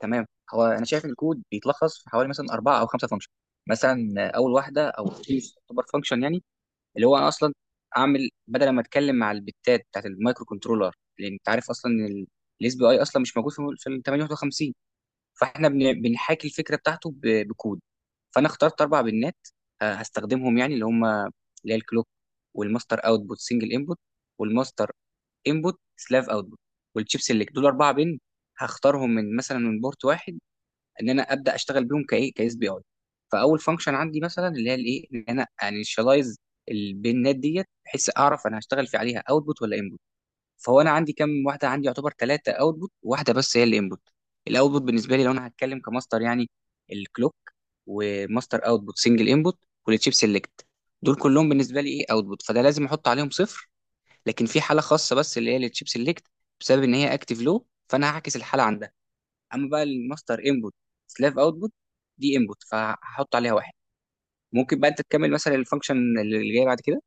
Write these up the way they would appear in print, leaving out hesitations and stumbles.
تمام. هو انا شايف ان الكود بيتلخص في حوالي مثلا اربعه او خمسه فانكشن. مثلا اول واحده او تعتبر فانكشن يعني اللي هو انا اصلا اعمل، بدل ما اتكلم مع البتات بتاعت المايكرو كنترولر، لان انت عارف اصلا ان الاس بي اي اصلا مش موجود في ال 851. فاحنا بنحاكي الفكره بتاعته بكود. فانا اخترت اربع بنات هستخدمهم، يعني اللي هم هي الكلوك، والماستر اوتبوت سنجل انبوت، والماستر انبوت سلاف اوتبوت، والتشيب سيلكت. دول اربعه بن هختارهم من مثلا من بورت واحد، ان انا ابدا اشتغل بيهم كايه كاس بي اي. فاول فانكشن عندي مثلا اللي هي الايه ان انا انيشاليز البيانات ديت، بحيث اعرف انا هشتغل في عليها اوتبوت ولا انبوت. فهو انا عندي كام واحده؟ عندي يعتبر ثلاثه اوتبوت واحده بس هي الانبوت. الاوتبوت بالنسبه لي لو انا هتكلم كماستر، يعني الكلوك وماستر اوتبوت سنجل انبوت والتشيب سيلكت، دول كلهم بالنسبه لي ايه اوتبوت، فده لازم احط عليهم صفر. لكن في حاله خاصه بس اللي هي التشيب سيلكت، بسبب ان هي اكتيف لو، فانا هعكس الحاله عندها. اما بقى الماستر انبوت سلاف اوتبوت، دي انبوت فهحط عليها واحد. ممكن بقى انت تكمل مثلا الفانكشن اللي جاي بعد كده.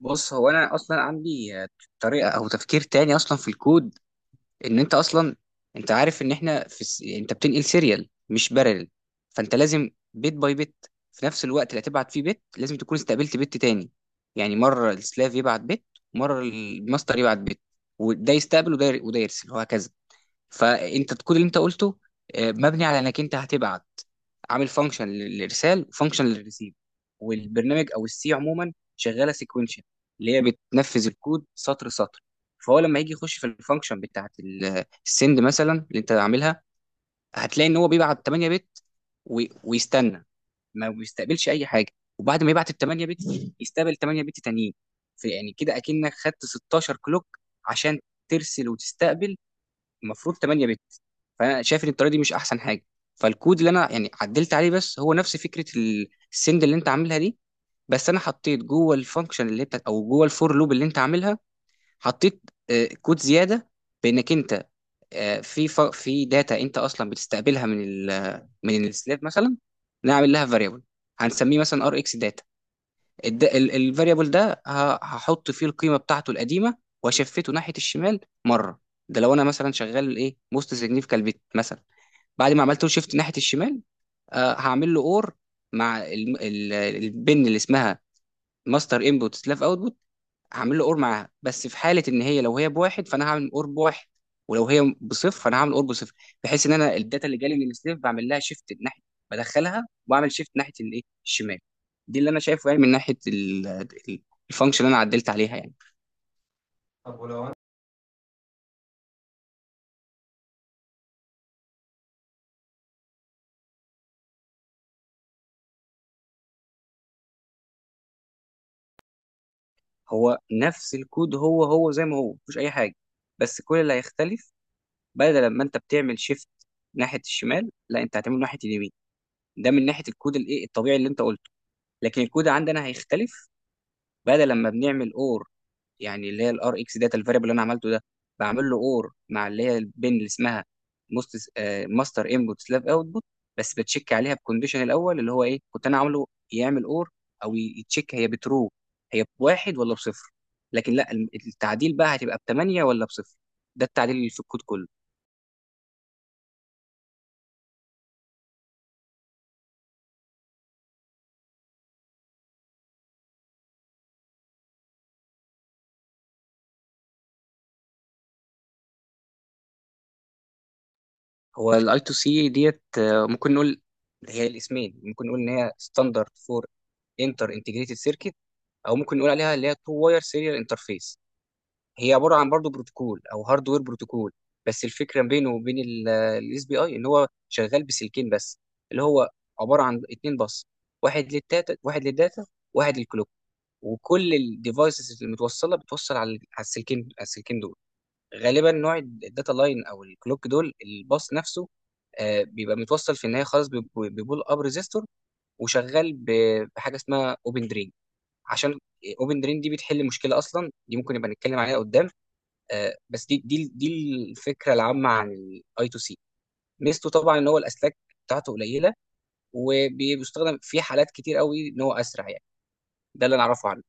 بص، هو انا اصلا عندي طريقه او تفكير تاني اصلا في الكود، ان انت اصلا انت عارف ان احنا في الس... انت بتنقل سيريال مش بارل، فانت لازم بيت باي بيت. في نفس الوقت اللي هتبعت فيه بيت لازم تكون استقبلت بيت تاني. يعني مره السلاف يبعت بيت، مره الماستر يبعت بيت، وده يستقبل وده وده يرسل وهكذا. فانت الكود اللي انت قلته مبني على انك انت هتبعت، عامل فانكشن للارسال وفانكشن للريسيف. والبرنامج او السي عموما شغاله سيكونشن، اللي هي بتنفذ الكود سطر سطر. فهو لما يجي يخش في الفانكشن بتاعت السند مثلا اللي انت عاملها، هتلاقي ان هو بيبعت 8 بت ويستنى، ما بيستقبلش اي حاجه. وبعد ما يبعت ال 8 بت، يستقبل 8 بت تانيين. في يعني كده اكنك خدت 16 كلوك عشان ترسل وتستقبل المفروض 8 بت. فانا شايف ان الطريقه دي مش احسن حاجه. فالكود اللي انا يعني عدلت عليه، بس هو نفس فكره السند اللي انت عاملها دي، بس انا حطيت جوه الفانكشن اللي انت او جوه الفور لوب اللي انت عاملها، حطيت كود زياده. بانك انت في ف... في داتا انت اصلا بتستقبلها من ال... من السلاف مثلا، نعمل لها فاريبل هنسميه مثلا ار اكس. الفاريبل ده هحط فيه القيمه بتاعته القديمه واشفته ناحيه الشمال مره. ده لو انا مثلا شغال ايه موست سيجنيفيكال بت مثلا. بعد ما عملت له شيفت ناحيه الشمال، آه هعمل له اور مع البن اللي اسمها ماستر انبوت سلاف اوت. هعمل له اور معاها، بس في حاله ان هي لو هي بواحد فانا هعمل اور بواحد، ولو هي بصفر فانا هعمل اور بصفر. بحيث ان انا الداتا اللي جالي من السيف بعمل لها شيفت ناحيه، بدخلها واعمل شيفت ناحيه الايه الشمال. دي اللي انا شايفه يعني من ناحيه الفانكشن اللي انا عدلت عليها يعني. طب ولو انا. هو نفس الكود، هو هو زي ما هو مفيش اي حاجه، بس كل اللي هيختلف، بدل ما انت بتعمل شيفت ناحيه الشمال، لا انت هتعمله ناحيه اليمين. ده من ناحيه الكود الايه الطبيعي اللي انت قلته. لكن الكود عندنا هيختلف، بدل لما بنعمل اور، يعني اللي هي الار اكس داتا الفاريبل اللي انا عملته ده، بعمل له اور مع اللي هي البن اللي اسمها مست ماستر انبوت سلاف اوتبوت، بس بتشيك عليها بكونديشن الاول اللي هو ايه كنت انا عامله يعمل اور او يتشيك هي بترو، هي بواحد ولا بصفر. لكن لا، التعديل بقى هتبقى بثمانية ولا بصفر. ده التعديل اللي في الكود كله. هو الاي تو سي ديت ممكن نقول هي الاسمين، ممكن نقول ان هي ستاندرد فور انتر انتجريتد سيركت، او ممكن نقول عليها اللي هي تو واير سيريال انترفيس. هي عباره عن برضه بروتوكول او هاردوير بروتوكول، بس الفكره بينه وبين الاس بي اي ان هو شغال بسلكين بس، اللي هو عباره عن اتنين بس، واحد للداتا واحد للداتا، واحد للكلوك. وكل الديفايسز المتوصله بتوصل على السلكين، على السلكين دول. غالبا نوع الداتا لاين او الكلوك دول الباص نفسه بيبقى متوصل في النهايه خالص ببول اب ريزيستور، وشغال بحاجه اسمها اوبن درين. عشان اوبن درين دي بتحل مشكله اصلا، دي ممكن يبقى نتكلم عليها قدام. بس دي الفكره العامه عن الاي تو سي. ميزته طبعا ان هو الاسلاك بتاعته قليله، وبيستخدم في حالات كتير قوي، ان هو اسرع يعني. ده اللي انا اعرفه عنه.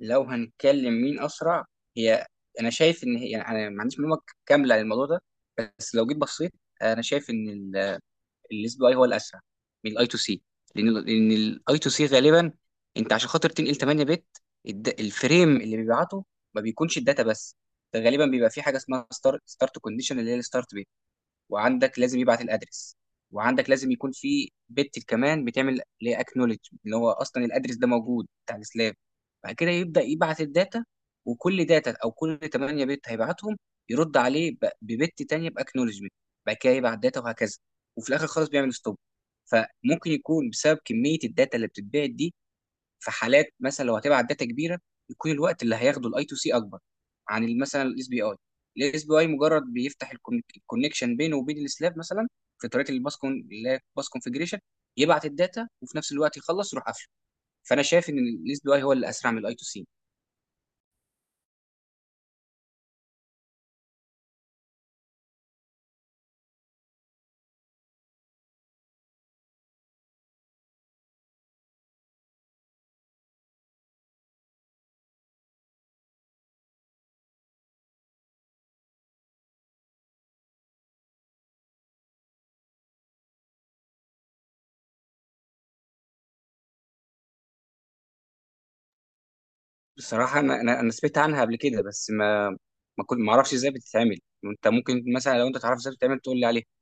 لو هنتكلم مين اسرع، هي انا شايف ان هي يعني انا ما عنديش معلومه كامله عن الموضوع ده، بس لو جيت بصيت انا شايف ان الاس بي اي هو الاسرع من الاي تو سي. لان الاي تو سي غالبا، انت عشان خاطر تنقل 8 بت، الفريم اللي بيبعته ما بيكونش الداتا بس، ده غالبا بيبقى فيه حاجه اسمها ستارت كونديشن اللي هي الستارت، وعندك لازم يبعت الادرس، وعندك لازم يكون في بت كمان بتعمل ليه اكنولج، اللي هو اصلا الادرس ده موجود بتاع السلاب. بعد كده يبدا يبعت الداتا، وكل داتا او كل 8 بت هيبعتهم يرد عليه ببت تانية باكنولجمنت. بعد كده يبعت داتا وهكذا، وفي الاخر خالص بيعمل ستوب. فممكن يكون بسبب كميه الداتا اللي بتتبعت دي، في حالات مثلا لو هتبعت داتا كبيره يكون الوقت اللي هياخده الاي تو سي اكبر عن مثلا الاس بي اي. الاس بي اي مجرد بيفتح الكونكشن بينه وبين السلاف مثلا، في طريقه الباس كون اللي هي باس كونفجريشن، يبعت الداتا وفي نفس الوقت يخلص يروح قافله. فانا شايف ان الاس بي اي هو اللي اسرع من الاي تو سي. بصراحه انا انا أنا سمعت عنها قبل كده، بس ما كنت ما اعرفش ازاي بتتعمل. انت ممكن مثلا لو انت تعرف ازاي بتتعمل تقول لي عليها.